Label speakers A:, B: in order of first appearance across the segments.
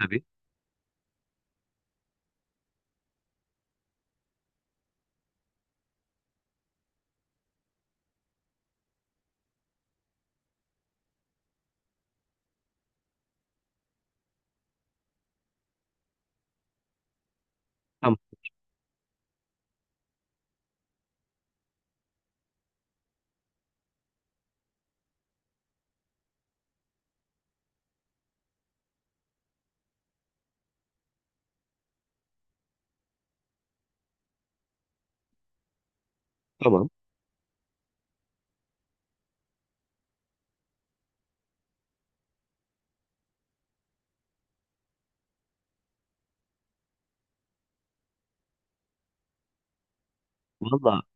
A: Tabii. Tamam. Tamam. Valla valla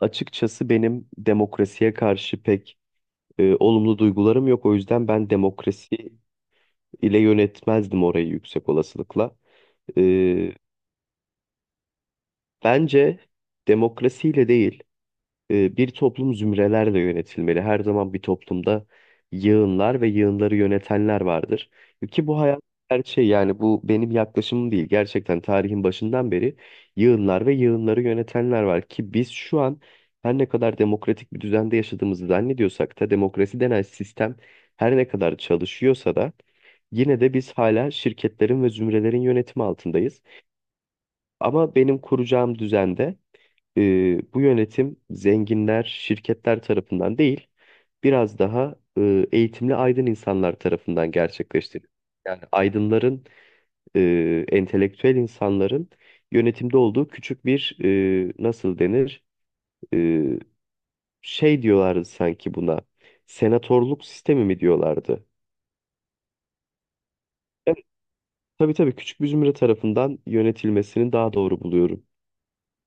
A: açıkçası benim demokrasiye karşı pek olumlu duygularım yok. O yüzden ben demokrasi ile yönetmezdim orayı yüksek olasılıkla. E, Bence demokrasiyle değil. Bir toplum zümrelerle yönetilmeli. Her zaman bir toplumda yığınlar ve yığınları yönetenler vardır. Ki bu hayat gerçeği, yani bu benim yaklaşımım değil. Gerçekten tarihin başından beri yığınlar ve yığınları yönetenler var. Ki biz şu an her ne kadar demokratik bir düzende yaşadığımızı zannediyorsak da demokrasi denen sistem her ne kadar çalışıyorsa da yine de biz hala şirketlerin ve zümrelerin yönetimi altındayız. Ama benim kuracağım düzende bu yönetim zenginler, şirketler tarafından değil, biraz daha eğitimli aydın insanlar tarafından gerçekleştiriliyor. Yani aydınların, entelektüel insanların yönetimde olduğu küçük bir nasıl denir? E, Şey diyorlardı sanki buna. Senatörlük sistemi mi diyorlardı? Evet, tabii tabii, küçük bir zümre tarafından yönetilmesini daha doğru buluyorum.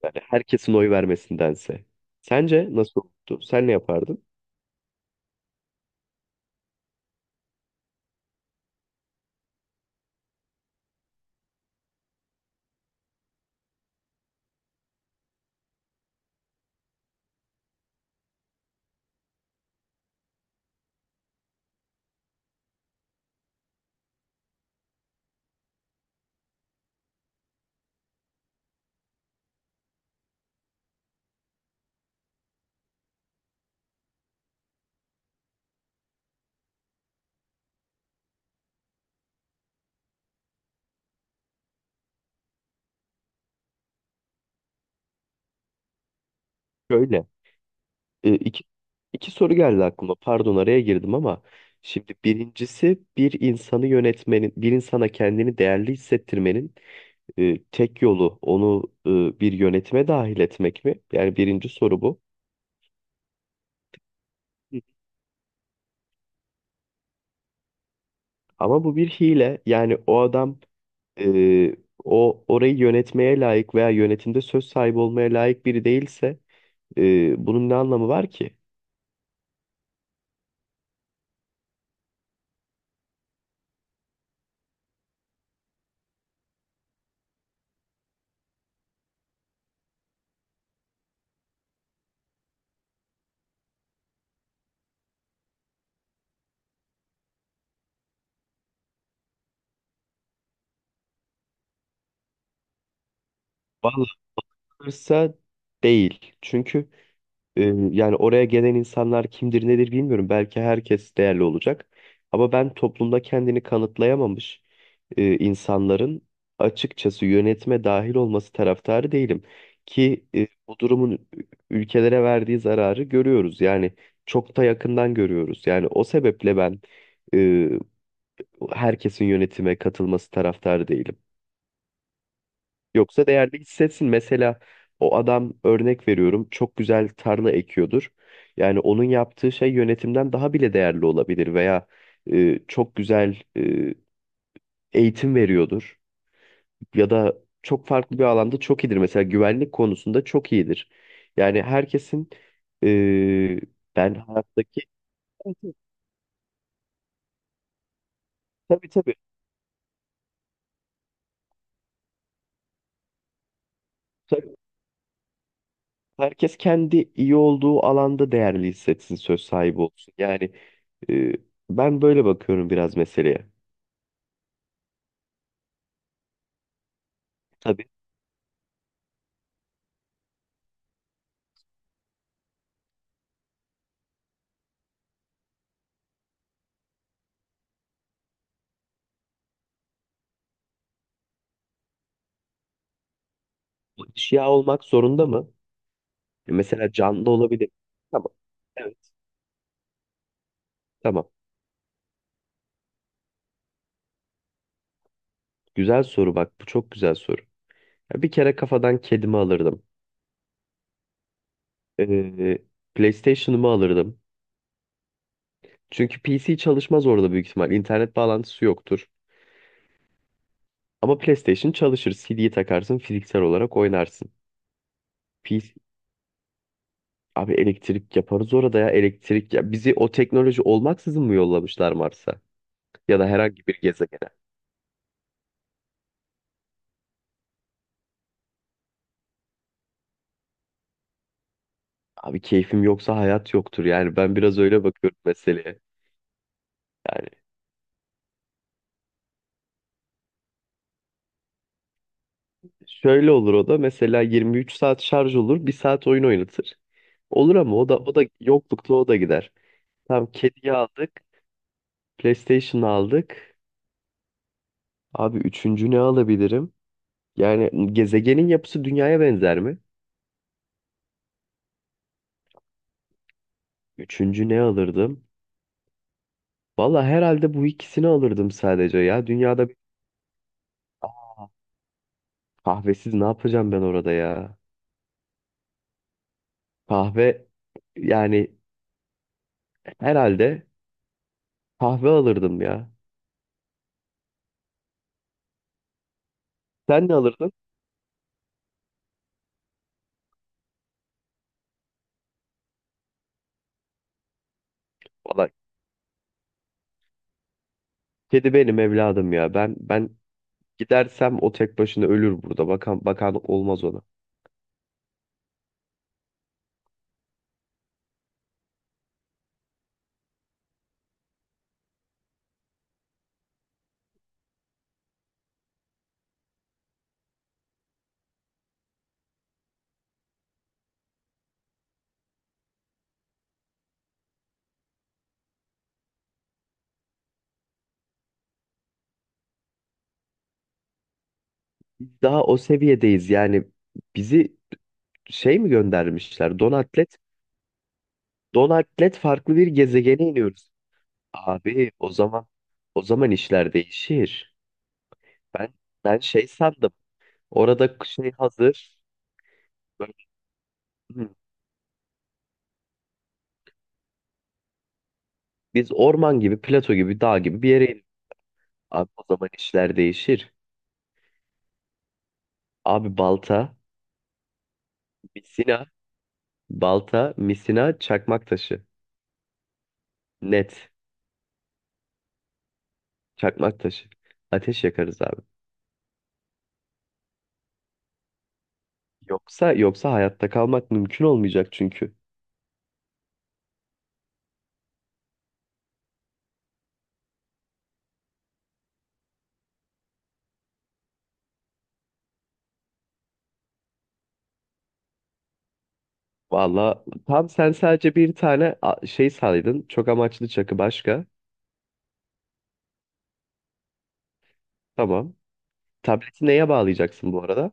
A: Hani herkesin oy vermesindense. Sence nasıl olurdu? Sen ne yapardın? Şöyle, e, iki, iki soru geldi aklıma. Pardon araya girdim ama şimdi birincisi bir insanı yönetmenin, bir insana kendini değerli hissettirmenin tek yolu onu bir yönetime dahil etmek mi? Yani birinci soru bu. Hı. Ama bu bir hile. Yani o adam, e, o orayı yönetmeye layık veya yönetimde söz sahibi olmaya layık biri değilse bunun ne anlamı var ki? Vallahi hırsa değil. Çünkü Ee, yani oraya gelen insanlar kimdir nedir bilmiyorum. Belki herkes değerli olacak. Ama ben toplumda kendini kanıtlayamamış insanların açıkçası yönetime dahil olması taraftarı değilim. Ki bu durumun ülkelere verdiği zararı görüyoruz. Yani çok da yakından görüyoruz. Yani o sebeple ben e, herkesin yönetime katılması taraftarı değilim. Yoksa değerli hissetsin. Mesela o adam, örnek veriyorum, çok güzel tarla ekiyordur. Yani onun yaptığı şey yönetimden daha bile değerli olabilir veya çok güzel eğitim veriyordur ya da çok farklı bir alanda çok iyidir. Mesela güvenlik konusunda çok iyidir. Yani herkesin, e, ben hayattaki. Evet, evet, tabii tabii tabii, herkes kendi iyi olduğu alanda değerli hissetsin, söz sahibi olsun. Yani e, ben böyle bakıyorum biraz meseleye. Tabii. Eşya olmak zorunda mı? Mesela canlı olabilir. Tamam. Evet. Tamam. Güzel soru bak. Bu çok güzel soru. Ya bir kere kafadan kedimi alırdım. Ee, PlayStation'ımı alırdım. Çünkü PC çalışmaz orada büyük ihtimal. İnternet bağlantısı yoktur. Ama PlayStation çalışır. CD'yi takarsın, fiziksel olarak oynarsın. PC. Abi elektrik yaparız orada, ya elektrik. Ya bizi o teknoloji olmaksızın mı yollamışlar Mars'a? Ya da herhangi bir gezegene. Abi keyfim yoksa hayat yoktur. Yani ben biraz öyle bakıyorum meseleye. Yani şöyle olur, o da mesela 23 saat şarj olur, bir saat oyun oynatır. Olur ama o da yoklukla o da gider. Tamam, kediyi aldık, PlayStation aldık. Abi üçüncü ne alabilirim? Yani gezegenin yapısı dünyaya benzer mi? Üçüncü ne alırdım? Valla herhalde bu ikisini alırdım sadece ya. Dünyada bir- Ah, kahvesiz ne yapacağım ben orada ya? Kahve, yani herhalde kahve alırdım ya. Sen ne alırdın? Valla kedi benim evladım ya. Ben gidersem o tek başına ölür burada. Bakan bakan olmaz ona. Biz daha o seviyedeyiz yani, bizi şey mi göndermişler? Donatlet. Donatlet farklı bir gezegene iniyoruz. Abi o zaman, işler değişir. Ben ben şey sandım. Orada şey hazır. Böyle, hı, biz orman gibi, plato gibi, dağ gibi bir yere iniyoruz. Abi o zaman işler değişir. Abi balta, misina, balta, misina, çakmak taşı. Net. Çakmak taşı. Ateş yakarız abi. Yoksa hayatta kalmak mümkün olmayacak çünkü. Valla tam sen sadece bir tane şey saydın. Çok amaçlı çakı başka. Tamam. Tableti neye bağlayacaksın bu arada?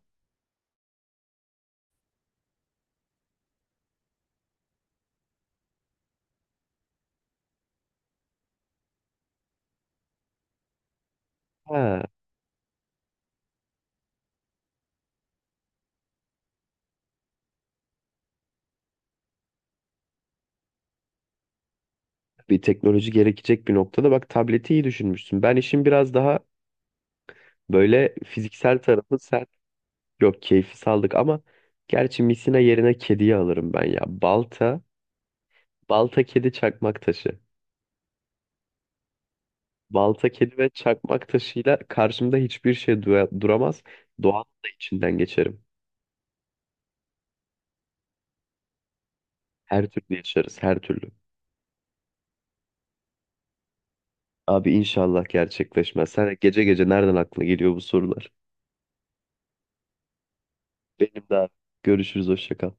A: Ha, bir teknoloji gerekecek bir noktada. Bak, tableti iyi düşünmüşsün. Ben işin biraz daha böyle fiziksel tarafı, sen. Yok, keyfi saldık ama gerçi misina yerine kediyi alırım ben ya. Balta, kedi, çakmak taşı. Balta, kedi ve çakmak taşıyla karşımda hiçbir şey duramaz. Doğanın da içinden geçerim. Her türlü yaşarız, her türlü. Abi inşallah gerçekleşmez. Sen gece gece nereden aklına geliyor bu sorular? Benim de abi. Görüşürüz, hoşça kal.